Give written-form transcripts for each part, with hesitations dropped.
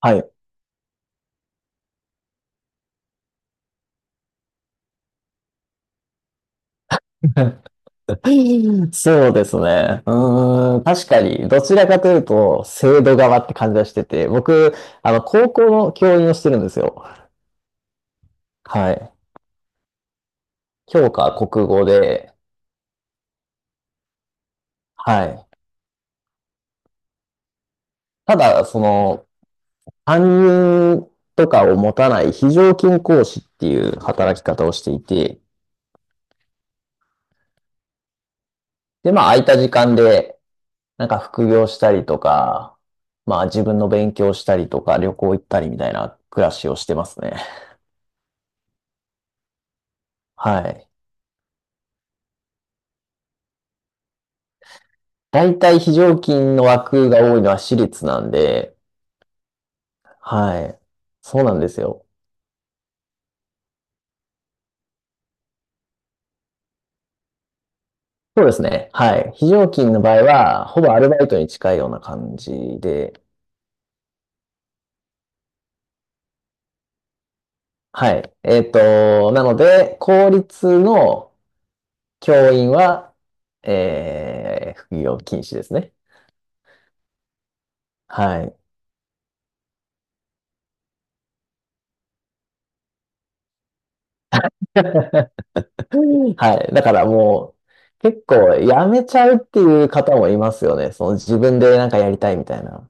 はい。そうですね。うーん、確かに、どちらかというと、制度側って感じがしてて、僕、高校の教員をしてるんですよ。はい。教科は国語で、はい。ただ、担任とかを持たない非常勤講師っていう働き方をしていて、で、まあ、空いた時間で、なんか副業したりとか、まあ、自分の勉強したりとか、旅行行ったりみたいな暮らしをしてますね。はい。大体非常勤の枠が多いのは私立なんで、はい。そうなんですよ。そうですね。はい。非常勤の場合は、ほぼアルバイトに近いような感じで、はい。なので、公立の教員は、副業禁止ですね。はい。はい。だからもう、結構やめちゃうっていう方もいますよね。その自分でなんかやりたいみたいな。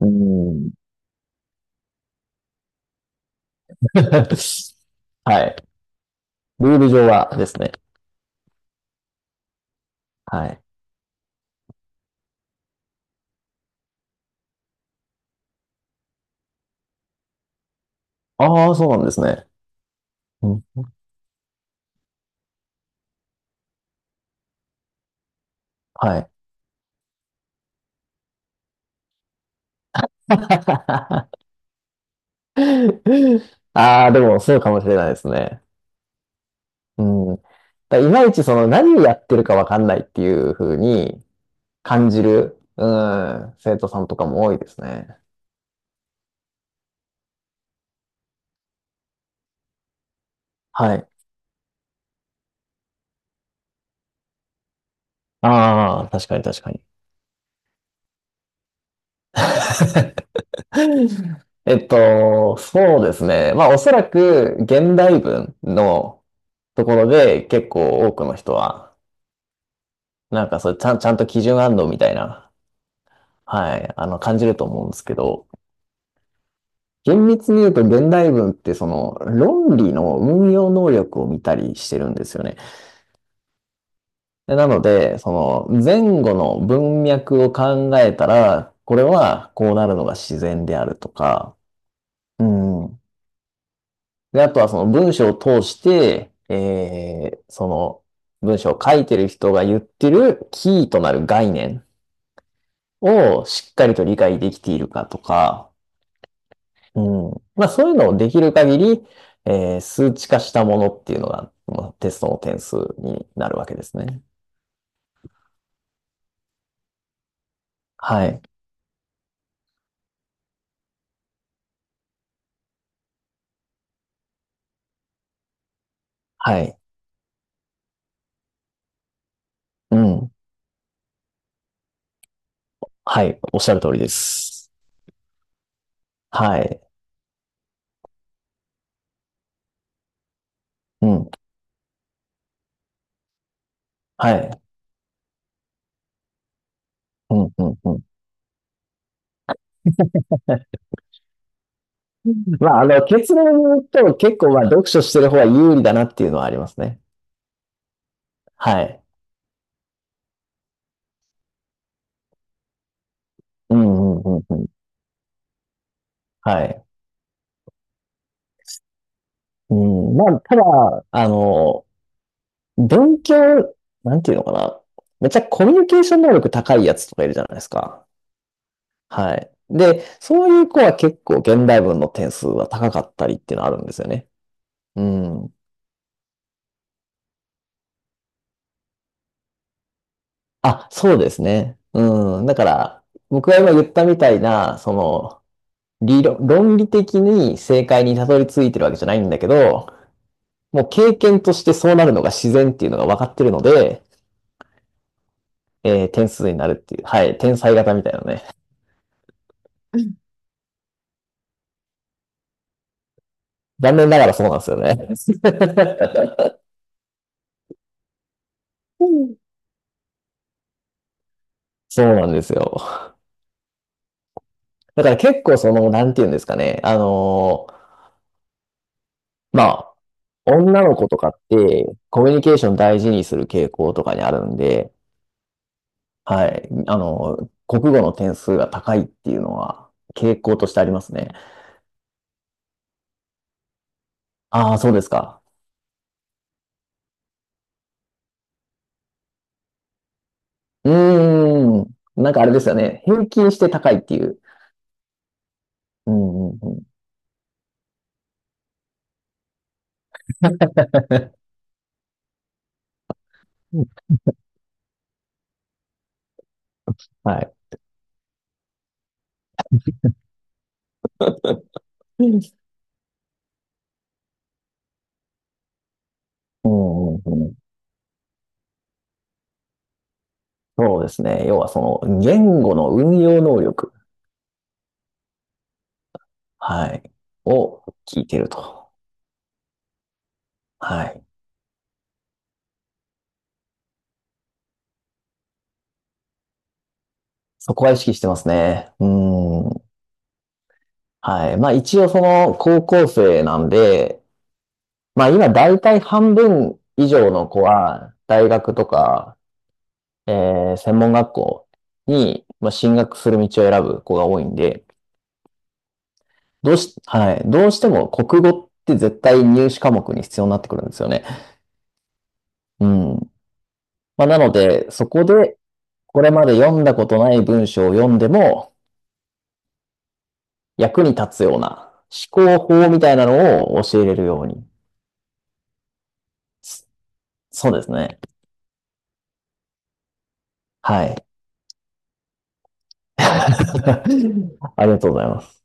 うん。はい。ルール上はですね。はい。ああ、そうなんですね。うん、はい。ああ、でもそうかもしれないですね。うん。だいまいちその何をやってるかわかんないっていう風に感じる、うん、生徒さんとかも多いですね。はい。ああ、確かに確かに。そうですね。まあ、おそらく現代文のところで結構多くの人はなんかそれちゃんと基準あんのみたいな、はい、感じると思うんですけど、厳密に言うと現代文ってその論理の運用能力を見たりしてるんですよね。でなので、その前後の文脈を考えたら、これはこうなるのが自然であるとか、うん。で、あとはその文章を通して、その文章を書いてる人が言ってるキーとなる概念をしっかりと理解できているかとか、うん。まあそういうのをできる限り、数値化したものっていうのが、まあテストの点数になるわけですね。はい。はい。うん。はい。おっしゃる通りです。はい。うん。はい。うん、うん、うん。まあ、結論を言うと結構まあ読書してる方が有利だなっていうのはありますね。はい。うん、うん、うん、うん。はい。うん。まあ、ただ、あの、勉強、なんていうのかな。めっちゃコミュニケーション能力高いやつとかいるじゃないですか。はい。で、そういう子は結構現代文の点数は高かったりっていうのあるんですよね。うん。あ、そうですね。うん。だから、僕が今言ったみたいな、論理的に正解にたどり着いてるわけじゃないんだけど、もう経験としてそうなるのが自然っていうのが分かってるので、点数になるっていう。はい。天才型みたいなね。残念ながらそうなんですよね。そうなんですよ。だから結構その、なんていうんですかね。まあ、女の子とかって、コミュニケーション大事にする傾向とかにあるんで、はい。国語の点数が高いっていうのは、傾向としてありますね。ああ、そうですか。うーん。なんかあれですよね。平均して高いっていう。うんうんうん。はい。うんうんうん。そうですね。要はその、言語の運用能力。はい。を聞いてると。はい。そこは意識してますね。うん。はい。まあ一応その高校生なんで、まあ今大体半分以上の子は大学とか、え専門学校に、まあ、進学する道を選ぶ子が多いんで、どうし、はい。どうしても国語って絶対入試科目に必要になってくるんですよね。うん。まあなので、そこでこれまで読んだことない文章を読んでも役に立つような思考法みたいなのを教えれるように。そそうですね。はい。ありがとうございます。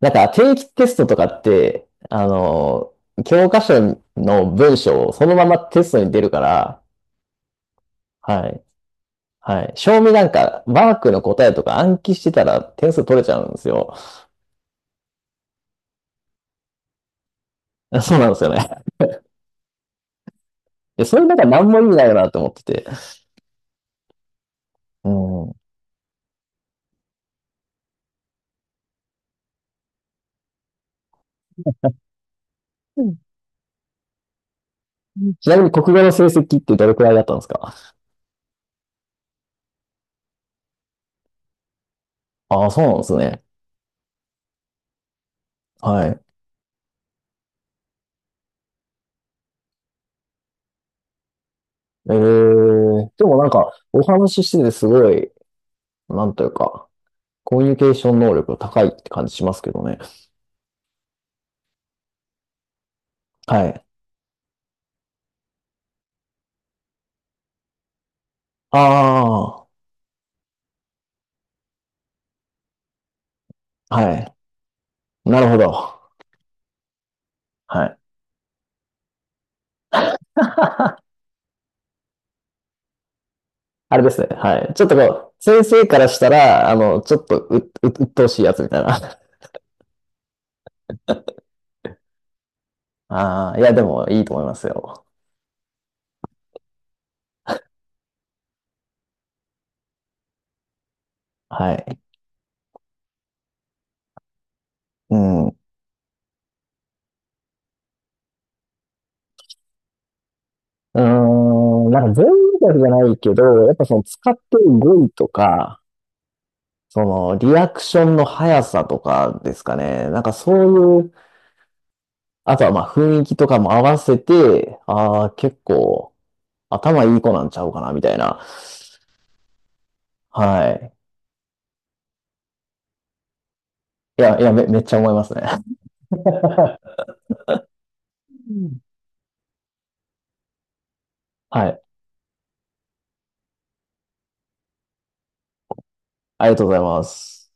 なんか定期テストとかって、教科書の文章をそのままテストに出るから、はい。はい。正味なんか、ワークの答えとか暗記してたら点数取れちゃうんですよ。そうなんですよね。で、それなんか何も意味ないよなと思ってて。うん。ちなみに国語の成績ってどれくらいだったんですか？ああ、そうなんですね。はい。ええでもなんか、お話ししててすごい、なんというか、コミュニケーション能力が高いって感じしますけどね。はい。ああ、はい。なるほど。はい。あれですね。はい。ちょっとこう、先生からしたら、ちょっと鬱陶しいやつみたいな。ああ、いや、でもいいと思いますよ。はい。うん。うーん、なんか全員だけじゃないけど、やっぱその使ってる語彙とか、そのリアクションの速さとかですかね。なんかそういう、あとはまあ雰囲気とかも合わせて、ああ、結構頭いい子なんちゃうかな、みたいな。はい。いや、いや、めっちゃ思いますね。はい。ありがとうございます。